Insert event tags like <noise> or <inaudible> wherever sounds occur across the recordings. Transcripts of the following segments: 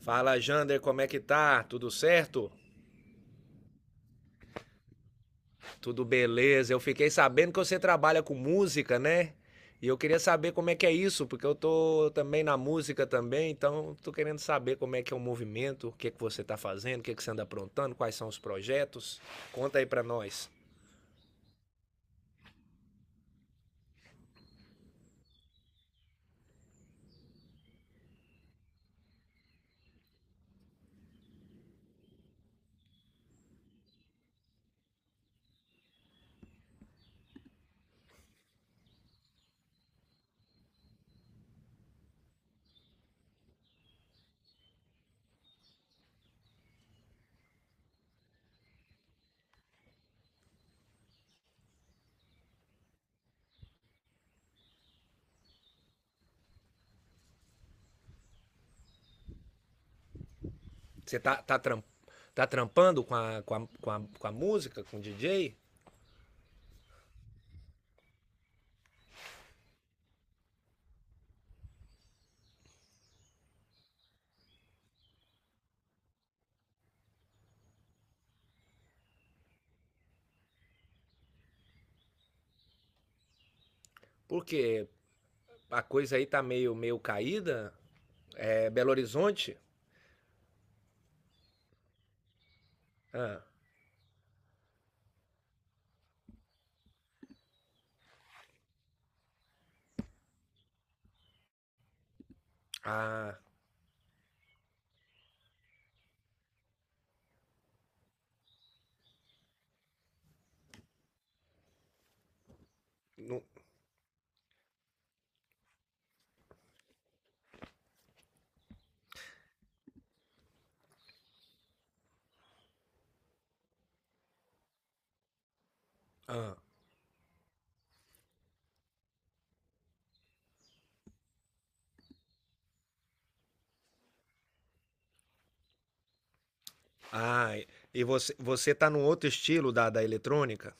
Fala, Jander, como é que tá? Tudo certo? Tudo beleza. Eu fiquei sabendo que você trabalha com música, né? E eu queria saber como é que é isso, porque eu tô também na música também, então tô querendo saber como é que é o movimento, o que você tá fazendo, o que você anda aprontando, quais são os projetos. Conta aí pra nós. Você tá, tá, tram- Tá trampando com a música, com o DJ? Por quê? A coisa aí tá meio caída? É Belo Horizonte? Ah, ah, não, ah. Ah, E você tá num outro estilo da eletrônica?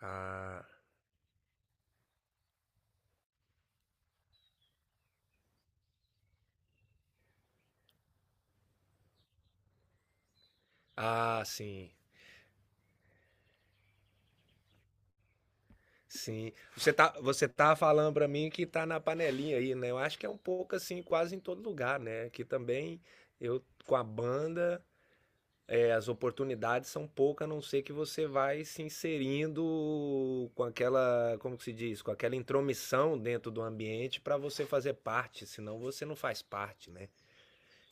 Ah, ah, sim, sim. Você tá falando pra mim que tá na panelinha aí, né? Eu acho que é um pouco assim, quase em todo lugar, né? Aqui também, eu com a banda, é, as oportunidades são poucas, a não ser que você vai se inserindo com aquela, como que se diz, com aquela intromissão dentro do ambiente pra você fazer parte, senão você não faz parte, né?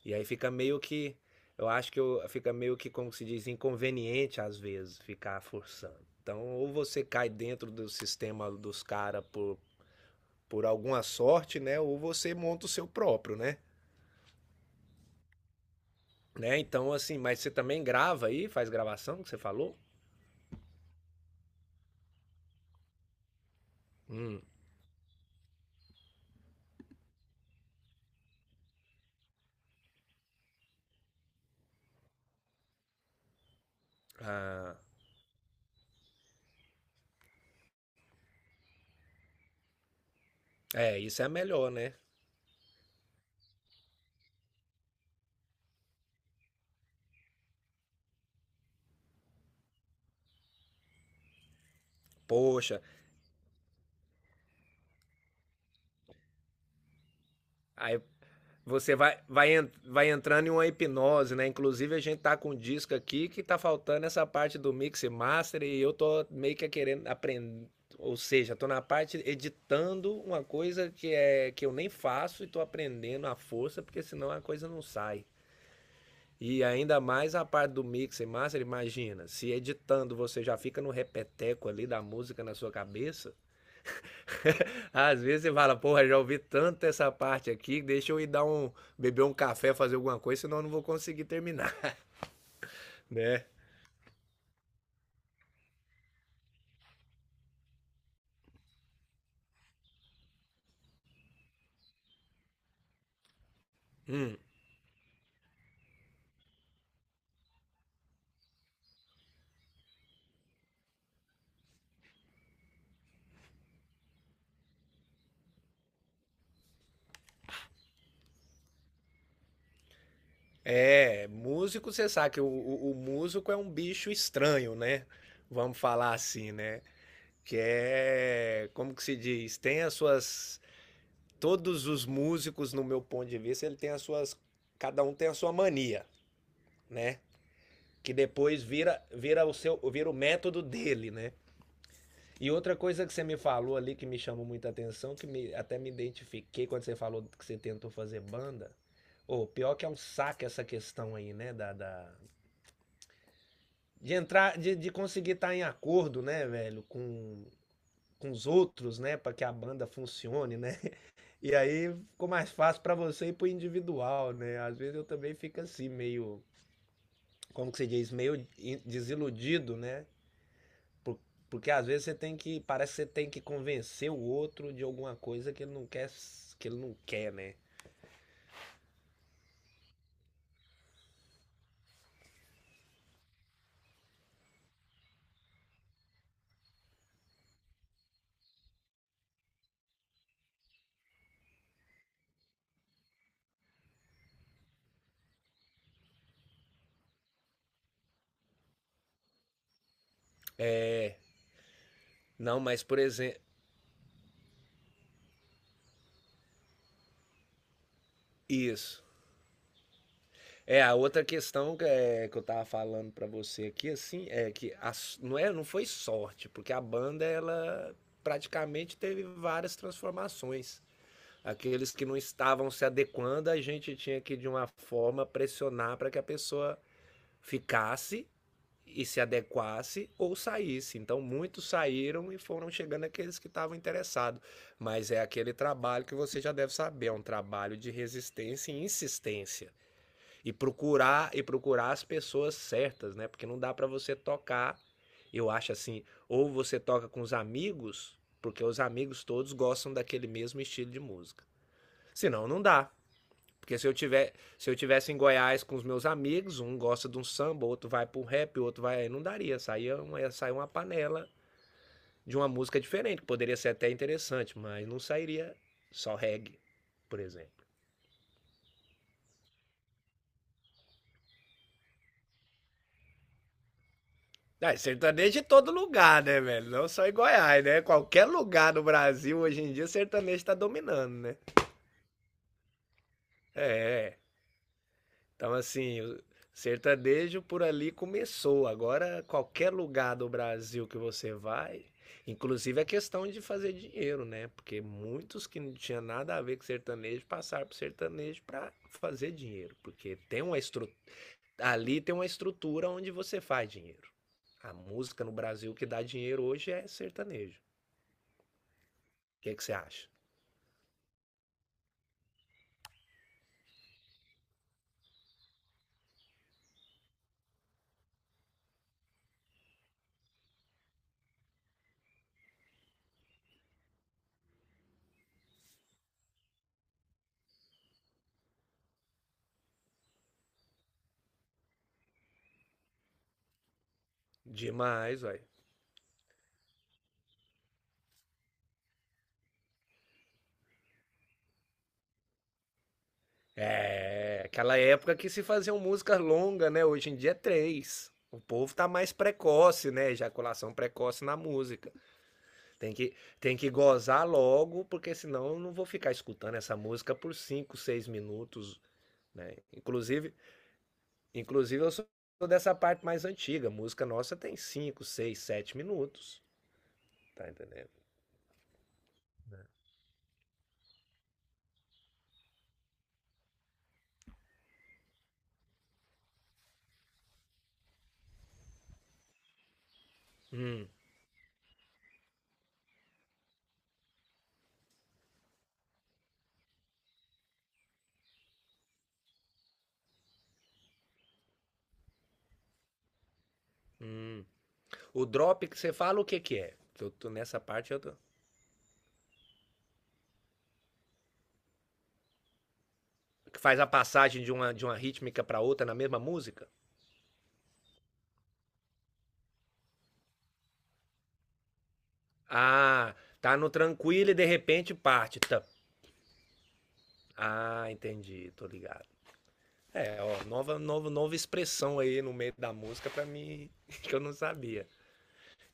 E aí fica meio que. Eu acho que eu, Fica meio que, como se diz, inconveniente às vezes ficar forçando. Então, ou você cai dentro do sistema dos caras por alguma sorte, né? Ou você monta o seu próprio, né? Né? Então, assim, mas você também grava aí, faz gravação que você falou? Hum, ah, é, isso é melhor, né? Poxa, aí Você vai, vai, en- vai entrando em uma hipnose, né? Inclusive, a gente tá com um disco aqui que tá faltando essa parte do mix e master e eu tô meio que querendo aprender. Ou seja, tô na parte editando uma coisa que, é, que eu nem faço e tô aprendendo à força, porque senão a coisa não sai. E ainda mais a parte do mix e master, imagina, se editando você já fica no repeteco ali da música na sua cabeça. <laughs> Às vezes você fala, porra, já ouvi tanto essa parte aqui, deixa eu ir dar um, beber um café, fazer alguma coisa, senão eu não vou conseguir terminar, <laughs> né? Hum, é, músico, você sabe que o músico é um bicho estranho, né? Vamos falar assim, né? Que é, como que se diz? Todos os músicos, no meu ponto de vista, ele tem as suas, cada um tem a sua mania, né? Que depois vira, vira o método dele, né? E outra coisa que você me falou ali que me chamou muita atenção, até me identifiquei quando você falou que você tentou fazer banda. Ô, pior que é um saco essa questão aí, né? De entrar, de conseguir estar em acordo, né, velho, com os outros, né? Pra que a banda funcione, né? <laughs> E aí ficou mais fácil pra você ir pro individual, né? Às vezes eu também fico assim, meio, como que se diz, desiludido, né? Porque às vezes você tem que, parece que você tem que convencer o outro de alguma coisa que ele não quer, né? Não, mas por exemplo, isso. É, a outra questão que, é, que eu tava falando pra você aqui, assim, é que não é, não foi sorte, porque a banda, ela praticamente teve várias transformações. Aqueles que não estavam se adequando, a gente tinha que, de uma forma, pressionar para que a pessoa ficasse e se adequasse ou saísse. Então muitos saíram e foram chegando aqueles que estavam interessados. Mas é aquele trabalho que você já deve saber, é um trabalho de resistência e insistência e procurar as pessoas certas, né? Porque não dá para você tocar, eu acho assim, ou você toca com os amigos, porque os amigos todos gostam daquele mesmo estilo de música. Senão não dá. Porque se eu tivesse em Goiás com os meus amigos, um gosta de um samba, outro vai pro rap, outro vai, não daria, saía uma panela de uma música diferente, que poderia ser até interessante, mas não sairia só reggae, por exemplo. Ah, sertanejo de todo lugar, né, velho? Não só em Goiás, né? Qualquer lugar no Brasil hoje em dia, sertanejo tá dominando, né? É, então, assim, o sertanejo por ali começou. Agora, qualquer lugar do Brasil que você vai, inclusive a questão de fazer dinheiro, né? Porque muitos que não tinham nada a ver com sertanejo passaram pro sertanejo para fazer dinheiro. Porque tem uma estrutura. Ali tem uma estrutura onde você faz dinheiro. A música no Brasil que dá dinheiro hoje é sertanejo. O que que você acha? Demais, velho. É, aquela época que se faziam músicas longas, né? Hoje em dia é três. O povo tá mais precoce, né? Ejaculação precoce na música. Tem que gozar logo, porque senão eu não vou ficar escutando essa música por cinco, seis minutos, né? Inclusive eu sou dessa parte mais antiga. A música nossa tem cinco, seis, sete minutos. Tá entendendo? Hum. O drop que você fala, o que que é? Que eu tô nessa parte, eu tô... Que faz a passagem de uma rítmica pra outra na mesma música? Ah, tá no tranquilo e de repente parte. Tá. Ah, entendi, tô ligado. É, ó, nova expressão aí no meio da música pra mim <laughs> que eu não sabia.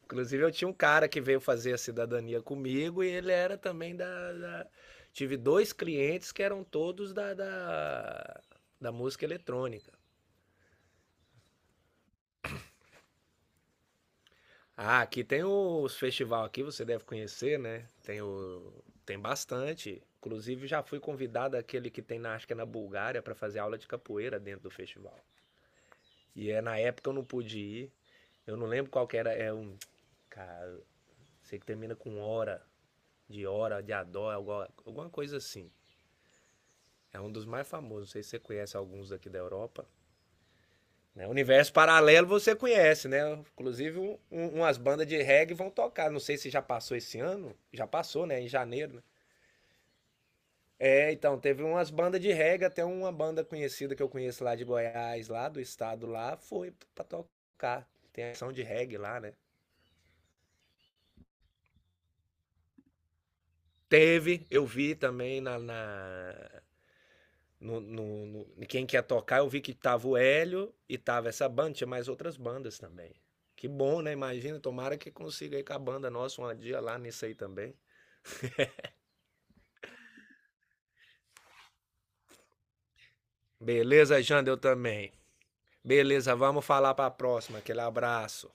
Inclusive, eu tinha um cara que veio fazer a cidadania comigo e ele era também tive dois clientes que eram todos da música eletrônica. Ah, aqui tem os festival aqui, você deve conhecer, né? Tem bastante. Inclusive já fui convidado aquele que tem na acho que é na Bulgária para fazer aula de capoeira dentro do festival. E é na época eu não pude ir. Eu não lembro qual que era, é um cara, sei que termina com hora, de adó, alguma coisa assim. É um dos mais famosos, não sei se você conhece alguns daqui da Europa. Né? Universo Paralelo você conhece, né? Inclusive, umas bandas de reggae vão tocar. Não sei se já passou esse ano. Já passou, né? Em janeiro, né? É, então, teve umas bandas de reggae, até uma banda conhecida que eu conheço lá de Goiás, lá do estado lá, foi pra tocar. Tem ação de reggae lá, né? Teve, eu vi também quem quer tocar, eu vi que tava o Hélio e tava essa banda, tinha mais outras bandas também. Que bom, né? Imagina, tomara que consiga ir com a banda nossa um dia lá nisso aí também. Beleza, Janda, eu também. Beleza, vamos falar pra próxima. Aquele abraço.